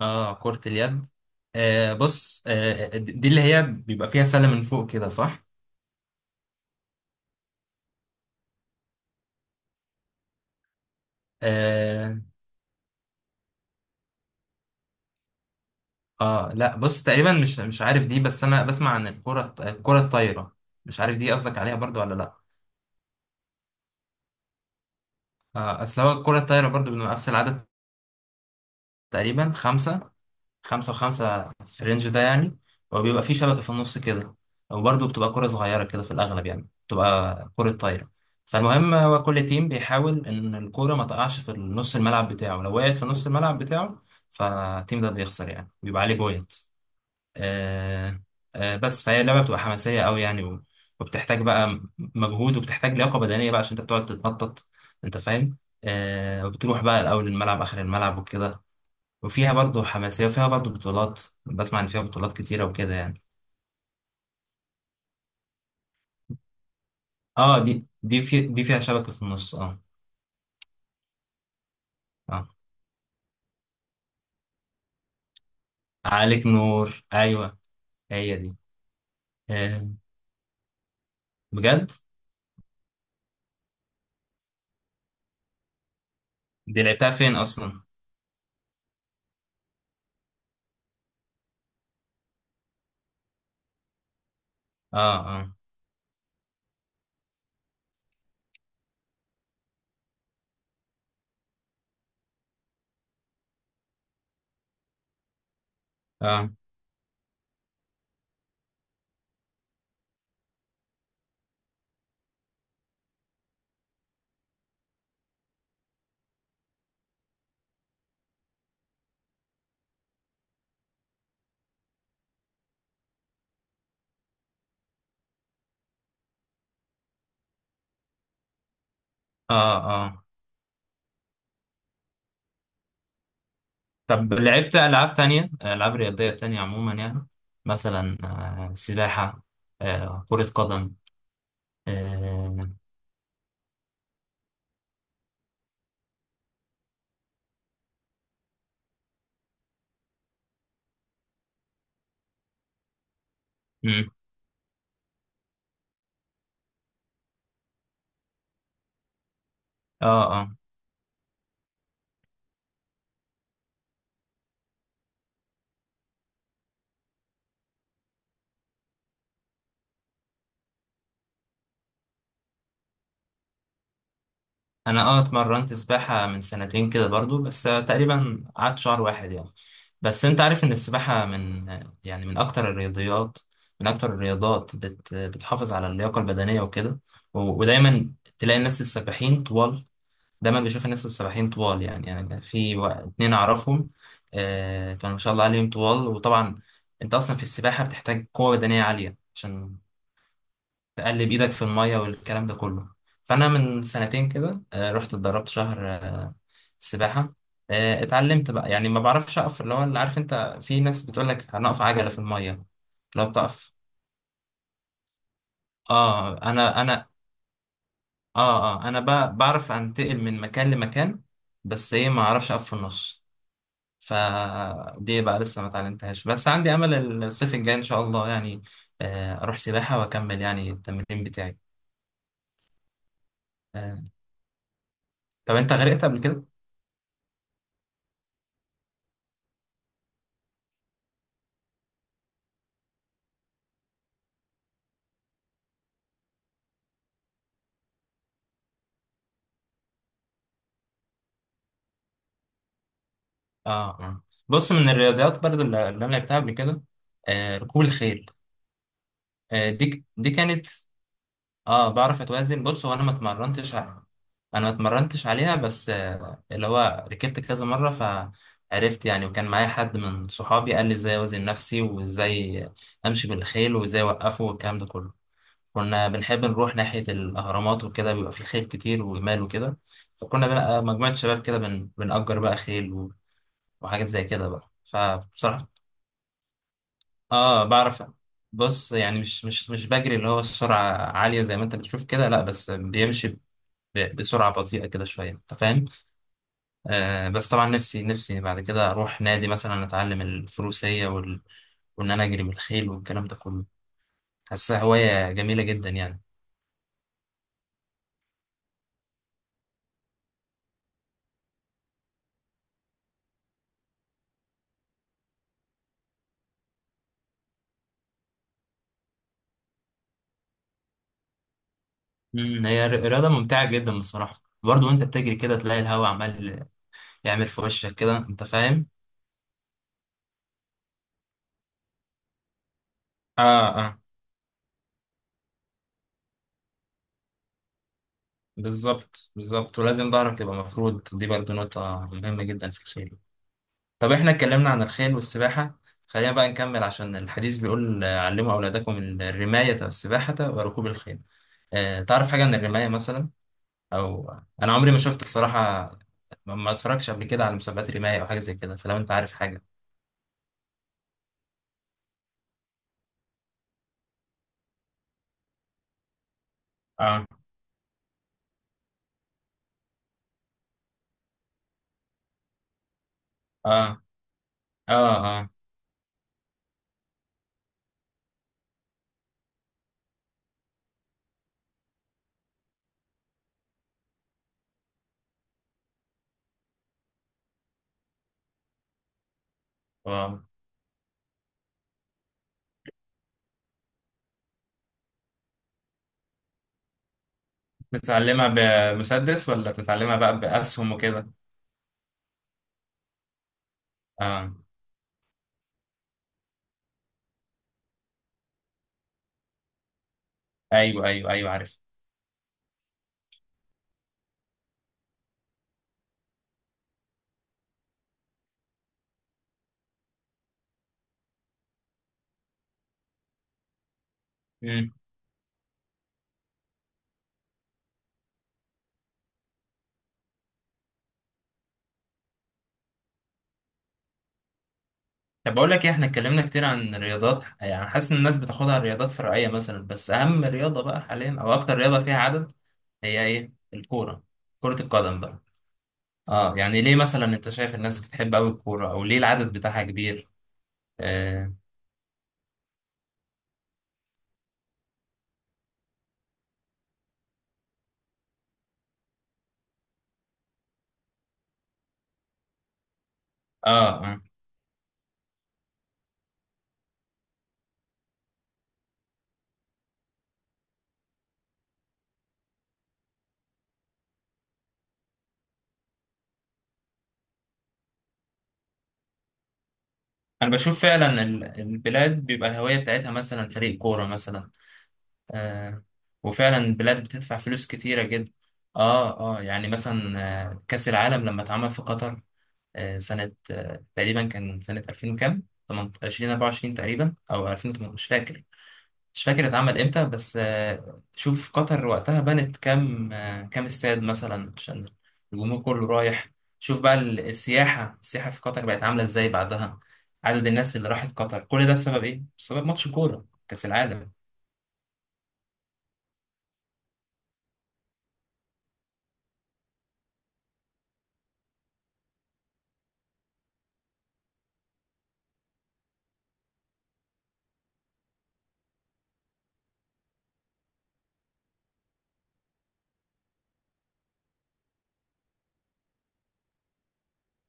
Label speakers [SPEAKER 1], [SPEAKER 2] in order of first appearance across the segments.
[SPEAKER 1] اه، كرة اليد. بص، دي اللي هي بيبقى فيها سلة من فوق كده، صح؟ آه. اه، لا. بص، تقريبا مش عارف دي. بس انا بسمع عن الكرة الطايرة. مش عارف دي قصدك عليها برضو ولا لا. اصل هو الكرة الطايرة برضو بنبقى نفس العدد تقريبا خمسة. خمسة وخمسة في الرينج ده يعني. وبيبقى في شبكة في النص كده. وبرضه بتبقى كرة صغيرة كده في الأغلب، يعني بتبقى كرة طايرة. فالمهم هو كل تيم بيحاول إن الكورة ما تقعش في نص الملعب بتاعه، لو وقعت في نص الملعب بتاعه فالتيم ده بيخسر، يعني بيبقى عليه بوينت. آه. بس فهي اللعبة بتبقى حماسية أوي يعني، وبتحتاج بقى مجهود، وبتحتاج لياقة بدنية بقى عشان أنت بتقعد تتنطط، أنت فاهم. وبتروح بقى الأول الملعب آخر الملعب وكده. وفيها برضو حماسية وفيها برضو بطولات. بسمع إن فيها بطولات كتيرة وكده يعني. اه، دي في دي فيها شبكة في النص، اه. اه، عليك نور. أيوة، هي دي. آه. بجد؟ دي لعبتها فين أصلا؟ اه، اه، اه، اه، اه. طب، لعبت ألعاب تانية، ألعاب رياضية تانية عموما يعني، مثلا سباحة، كرة قدم. اه. مم. اه. آه. انا اتمرنت سباحة من سنتين كده برضو، بس تقريبا قعدت شهر واحد يعني. بس انت عارف ان السباحة من، يعني، من اكتر الرياضيات، من اكتر الرياضات بتحافظ على اللياقة البدنية وكده، ودايما تلاقي الناس السباحين طوال. دايما بشوف الناس السباحين طوال، يعني، في اتنين اعرفهم. كانوا ما شاء الله عليهم طوال. وطبعا انت اصلا في السباحة بتحتاج قوة بدنية عالية عشان تقلب ايدك في الميه والكلام ده كله. فانا من سنتين كده رحت اتدربت شهر سباحه. اتعلمت بقى يعني، ما بعرفش اقف، اللي هو اللي عارف انت، في ناس بتقول لك هنقف عجله في الميه لو بتقف. اه، انا. اه، اه، انا بعرف انتقل من مكان لمكان، بس ايه، ما اعرفش اقف في النص. فدي بقى لسه ما اتعلمتهاش، بس عندي امل الصيف الجاي ان شاء الله يعني اروح سباحه واكمل يعني التمرين بتاعي. آه. طب انت غرقت قبل كده؟ اه. آه. بص، من الرياضيات برضو اللي انا لعبتها قبل كده ركوب الخيل. دي كانت، اه، بعرف اتوازن. بص، هو انا ما اتمرنتش على، انا ما اتمرنتش عليها، بس اللي هو ركبت كذا مره فعرفت يعني، وكان معايا حد من صحابي قال لي ازاي اوزن نفسي وازاي امشي بالخيل وازاي اوقفه والكلام ده كله. كنا بنحب نروح ناحيه الاهرامات وكده، بيبقى في خيل كتير وجمال وكده، فكنا بقى مجموعه شباب كده بنأجر بقى خيل وحاجات زي كده بقى فبصراحه. اه، بعرف. بص، يعني مش بجري اللي هو السرعة عالية زي ما انت بتشوف كده، لا بس بيمشي بسرعة بطيئة كده شوية، انت فاهم. بس طبعا نفسي نفسي بعد كده اروح نادي مثلا، اتعلم الفروسية وان انا اجري بالخيل والكلام ده كله. حاسسها هواية جميلة جدا يعني. هي رياضة ممتعة جدا بصراحة برضه. وانت بتجري كده تلاقي الهواء عمال يعمل في وشك كده، انت فاهم. اه، اه. بالظبط، بالظبط، ولازم ظهرك يبقى مفرود، دي برضه نقطة مهمة جدا في الخيل. طب احنا اتكلمنا عن الخيل والسباحة، خلينا بقى نكمل عشان الحديث بيقول علموا أولادكم الرماية والسباحة وركوب الخيل. اه، تعرف حاجة عن الرماية مثلا؟ أو، أنا عمري ما شفت بصراحة، ما اتفرجتش قبل كده على مسابقات رماية أو حاجة زي كده، فلو أنت عارف حاجة. اه، اه، اه، اه. واو. بتتعلمها بمسدس ولا بتتعلمها بقى بأسهم وكده؟ اه. ايوه، ايوه، ايوه، عارف. طب بقول لك ايه، احنا اتكلمنا كتير عن الرياضات يعني، حاسس ان الناس بتاخدها الرياضات فرعيه مثلا، بس اهم رياضه بقى حاليا او اكتر رياضه فيها عدد، هي ايه؟ الكوره، كره القدم بقى. اه، يعني ليه مثلا انت شايف الناس بتحب قوي الكوره، او ليه العدد بتاعها كبير؟ اه، اه، آه. انا بشوف فعلا البلاد بيبقى الهويه بتاعتها مثلا فريق كوره مثلا. آه. وفعلا البلاد بتدفع فلوس كتيره جدا. اه، اه، يعني مثلا كاس العالم لما اتعمل في قطر سنة تقريبا كان سنة 2000 وكام، 20 24 تقريبا أو 2008، مش فاكر. مش فاكر اتعمل امتى، بس شوف قطر وقتها بنت كام كام استاد مثلا عشان الجمهور كله رايح. شوف بقى السياحة في قطر بقت عاملة ازاي بعدها، عدد الناس اللي راحت قطر، كل ده بسبب ايه؟ بسبب ماتش كورة كأس العالم.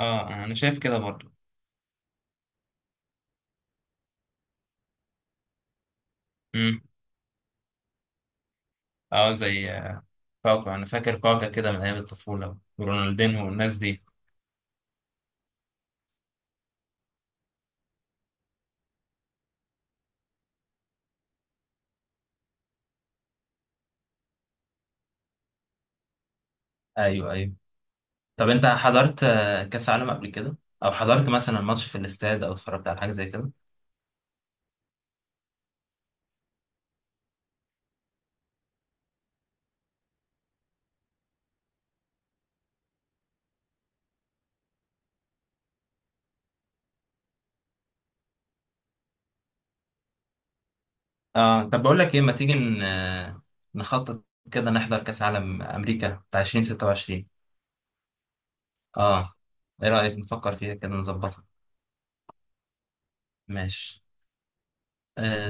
[SPEAKER 1] اه، انا شايف كده برضو. امم. اه، زي كاكا. انا فاكر كاكا كده من ايام الطفولة، ورونالدينو والناس دي. ايوه، ايوه. طب انت حضرت كاس عالم قبل كده، او حضرت مثلا ماتش في الاستاد، او اتفرجت على حاجه زي كده؟ اه. طب بقول لك ايه، ما تيجي نخطط كده نحضر كاس عالم امريكا بتاع 2026؟ اه. ايه رايك؟ نفكر فيها كده، نظبطها. ماشي. آه.